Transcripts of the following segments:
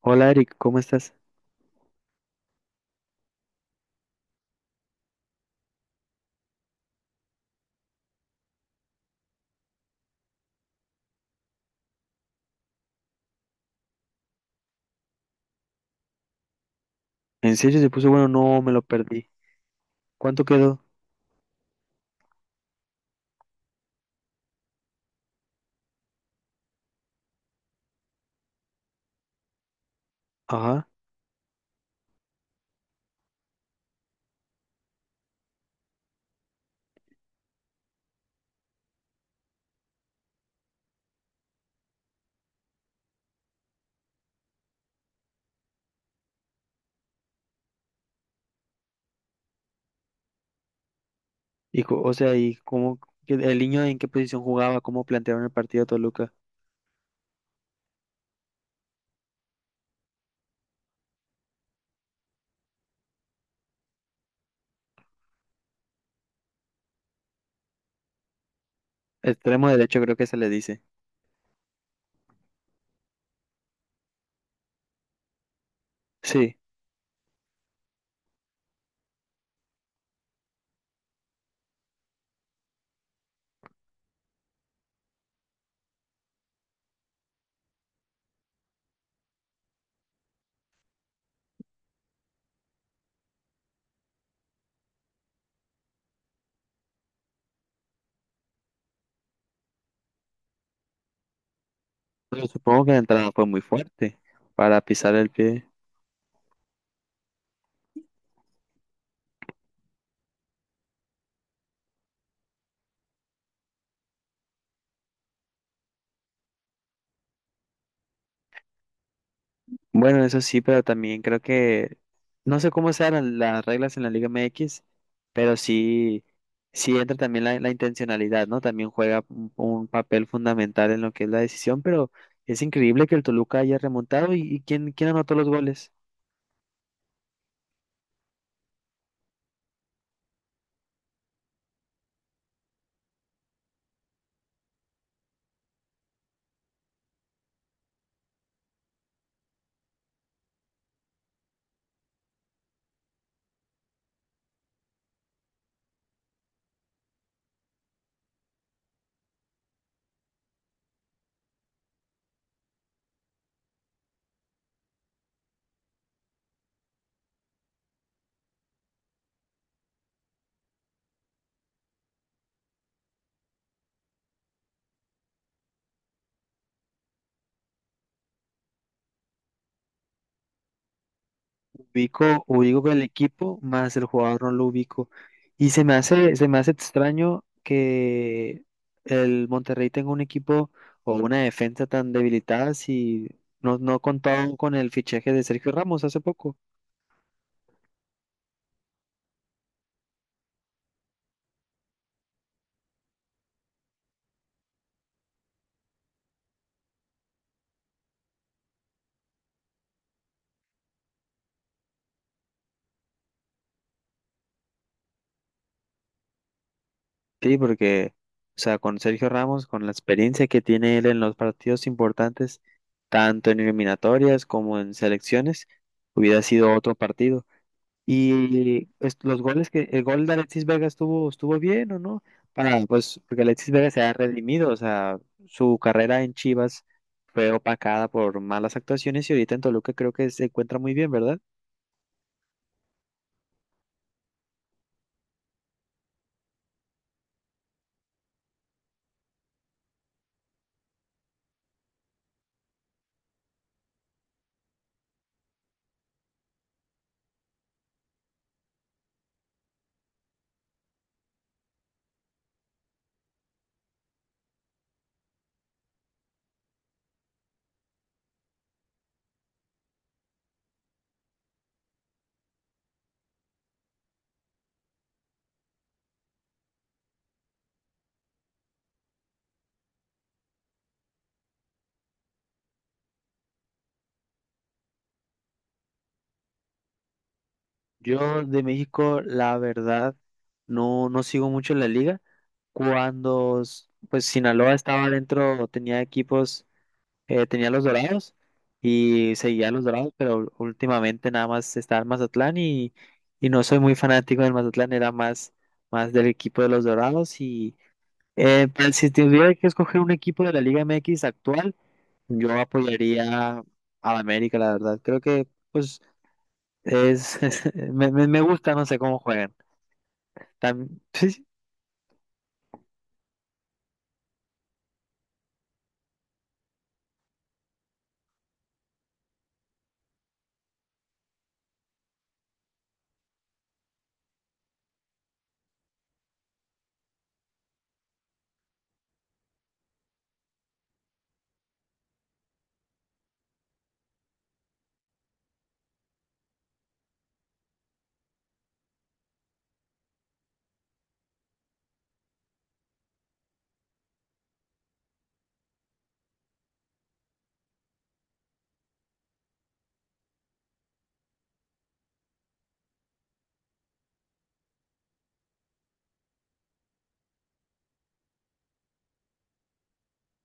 Hola Eric, ¿cómo estás? ¿En serio se puso bueno? No, me lo perdí. ¿Cuánto quedó? Ajá. ¿Y cómo, el niño en qué posición jugaba? ¿Cómo plantearon el partido a Toluca? Extremo derecho creo que se le dice. Sí. Pero supongo que la entrada fue muy fuerte para pisar el pie. Bueno, eso sí, pero también creo que no sé cómo sean las reglas en la Liga MX, pero sí, sí entra también la intencionalidad, ¿no? También juega un papel fundamental en lo que es la decisión, pero es increíble que el Toluca haya remontado y quién anotó los goles. Ubico el equipo, más el jugador no lo ubico. Y se me hace extraño que el Monterrey tenga un equipo o una defensa tan debilitada si no contaban con el fichaje de Sergio Ramos hace poco. Sí, porque, o sea, con Sergio Ramos, con la experiencia que tiene él en los partidos importantes, tanto en eliminatorias como en selecciones, hubiera sido otro partido. Y pues, los goles que, el gol de Alexis Vega estuvo bien, ¿o no? Para, pues, porque Alexis Vega se ha redimido, o sea, su carrera en Chivas fue opacada por malas actuaciones y ahorita en Toluca creo que se encuentra muy bien, ¿verdad? Yo de México, la verdad, no sigo mucho la liga. Pues, Sinaloa estaba dentro, tenía equipos. Tenía los Dorados y seguía a los Dorados, pero últimamente nada más está el Mazatlán y no soy muy fanático del Mazatlán, más del equipo de los Dorados. Y pues, si tuviera que escoger un equipo de la Liga MX actual, yo apoyaría al América, la verdad. Creo que pues es, me gusta, no sé cómo juegan. Tam-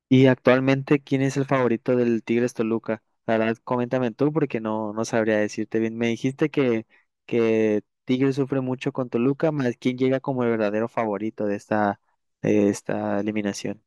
Y actualmente, ¿quién es el favorito del Tigres Toluca? La verdad, coméntame tú porque no sabría decirte bien. Me dijiste que Tigres sufre mucho con Toluca, más quién llega como el verdadero favorito de de esta eliminación.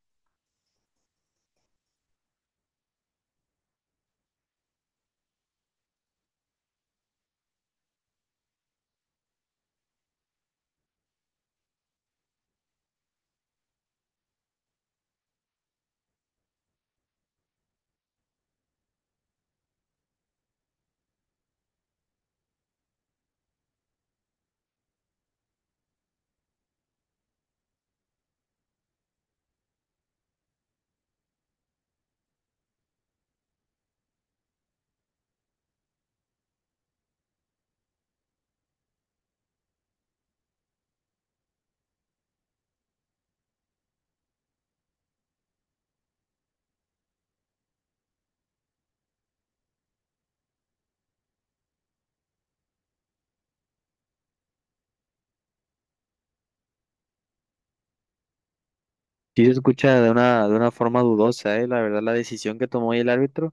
Sí se escucha de de una forma dudosa, ¿eh? La verdad, la decisión que tomó el árbitro,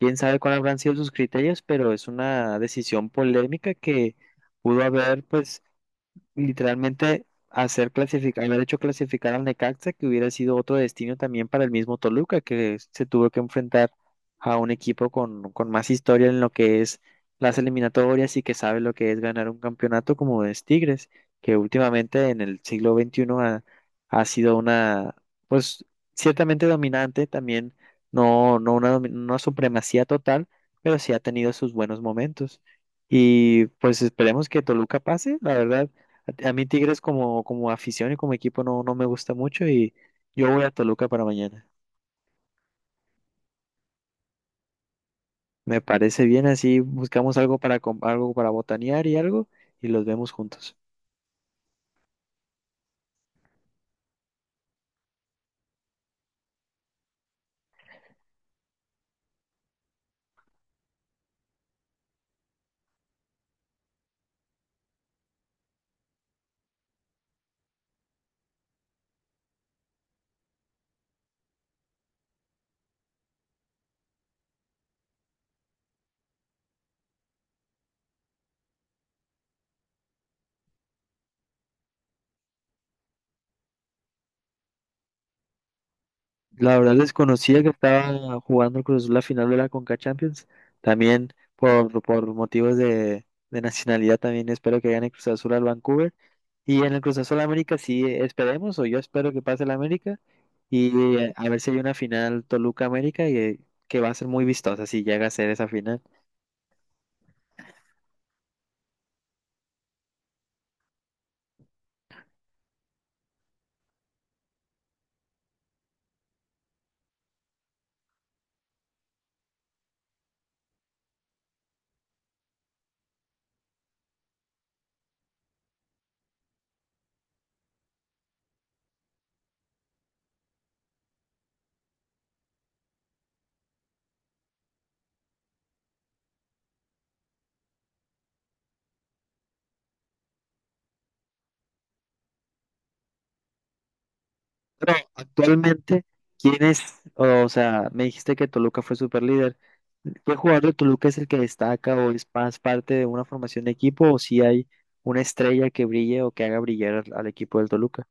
quién sabe cuáles habrán sido sus criterios, pero es una decisión polémica que pudo haber, pues, literalmente hacer clasificar, haber hecho clasificar al Necaxa, que hubiera sido otro destino también para el mismo Toluca, que se tuvo que enfrentar a un equipo con más historia en lo que es las eliminatorias y que sabe lo que es ganar un campeonato como es Tigres, que últimamente en el siglo XXI ha, ha sido una, pues ciertamente dominante, también no, una supremacía total, pero sí ha tenido sus buenos momentos. Y pues esperemos que Toluca pase, la verdad. A mí Tigres como afición y como equipo no me gusta mucho y yo voy a Toluca para mañana. Me parece bien, así buscamos algo algo para botanear y algo y los vemos juntos. La verdad desconocía que estaba jugando el Cruz Azul la final de la Conca Champions. También por motivos de nacionalidad también espero que gane Cruz Azul al Vancouver. Y en el Cruz Azul América sí esperemos, o yo espero que pase el América. Y a ver si hay una final Toluca América y, que va a ser muy vistosa si llega a ser esa final. No, actualmente, ¿quién es? O sea, me dijiste que Toluca fue super líder. ¿Qué jugador de Toluca es el que destaca o es más parte de una formación de equipo o si hay una estrella que brille o que haga brillar al, al equipo del Toluca?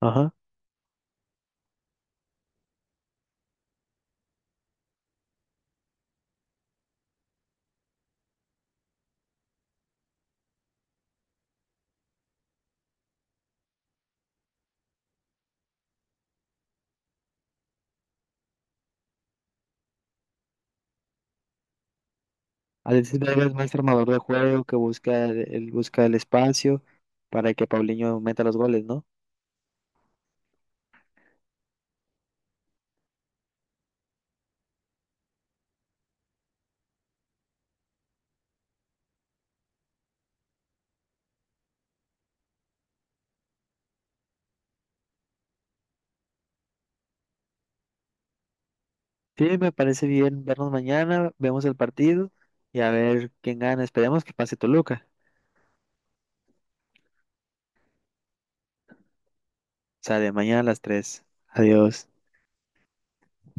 Ajá. Alexis Vega es más armador de juego que busca el, busca el espacio para que Paulinho meta los goles, ¿no? Sí, me parece bien vernos mañana, vemos el partido y a ver quién gana. Esperemos que pase Toluca. Sale mañana a las 3. Adiós.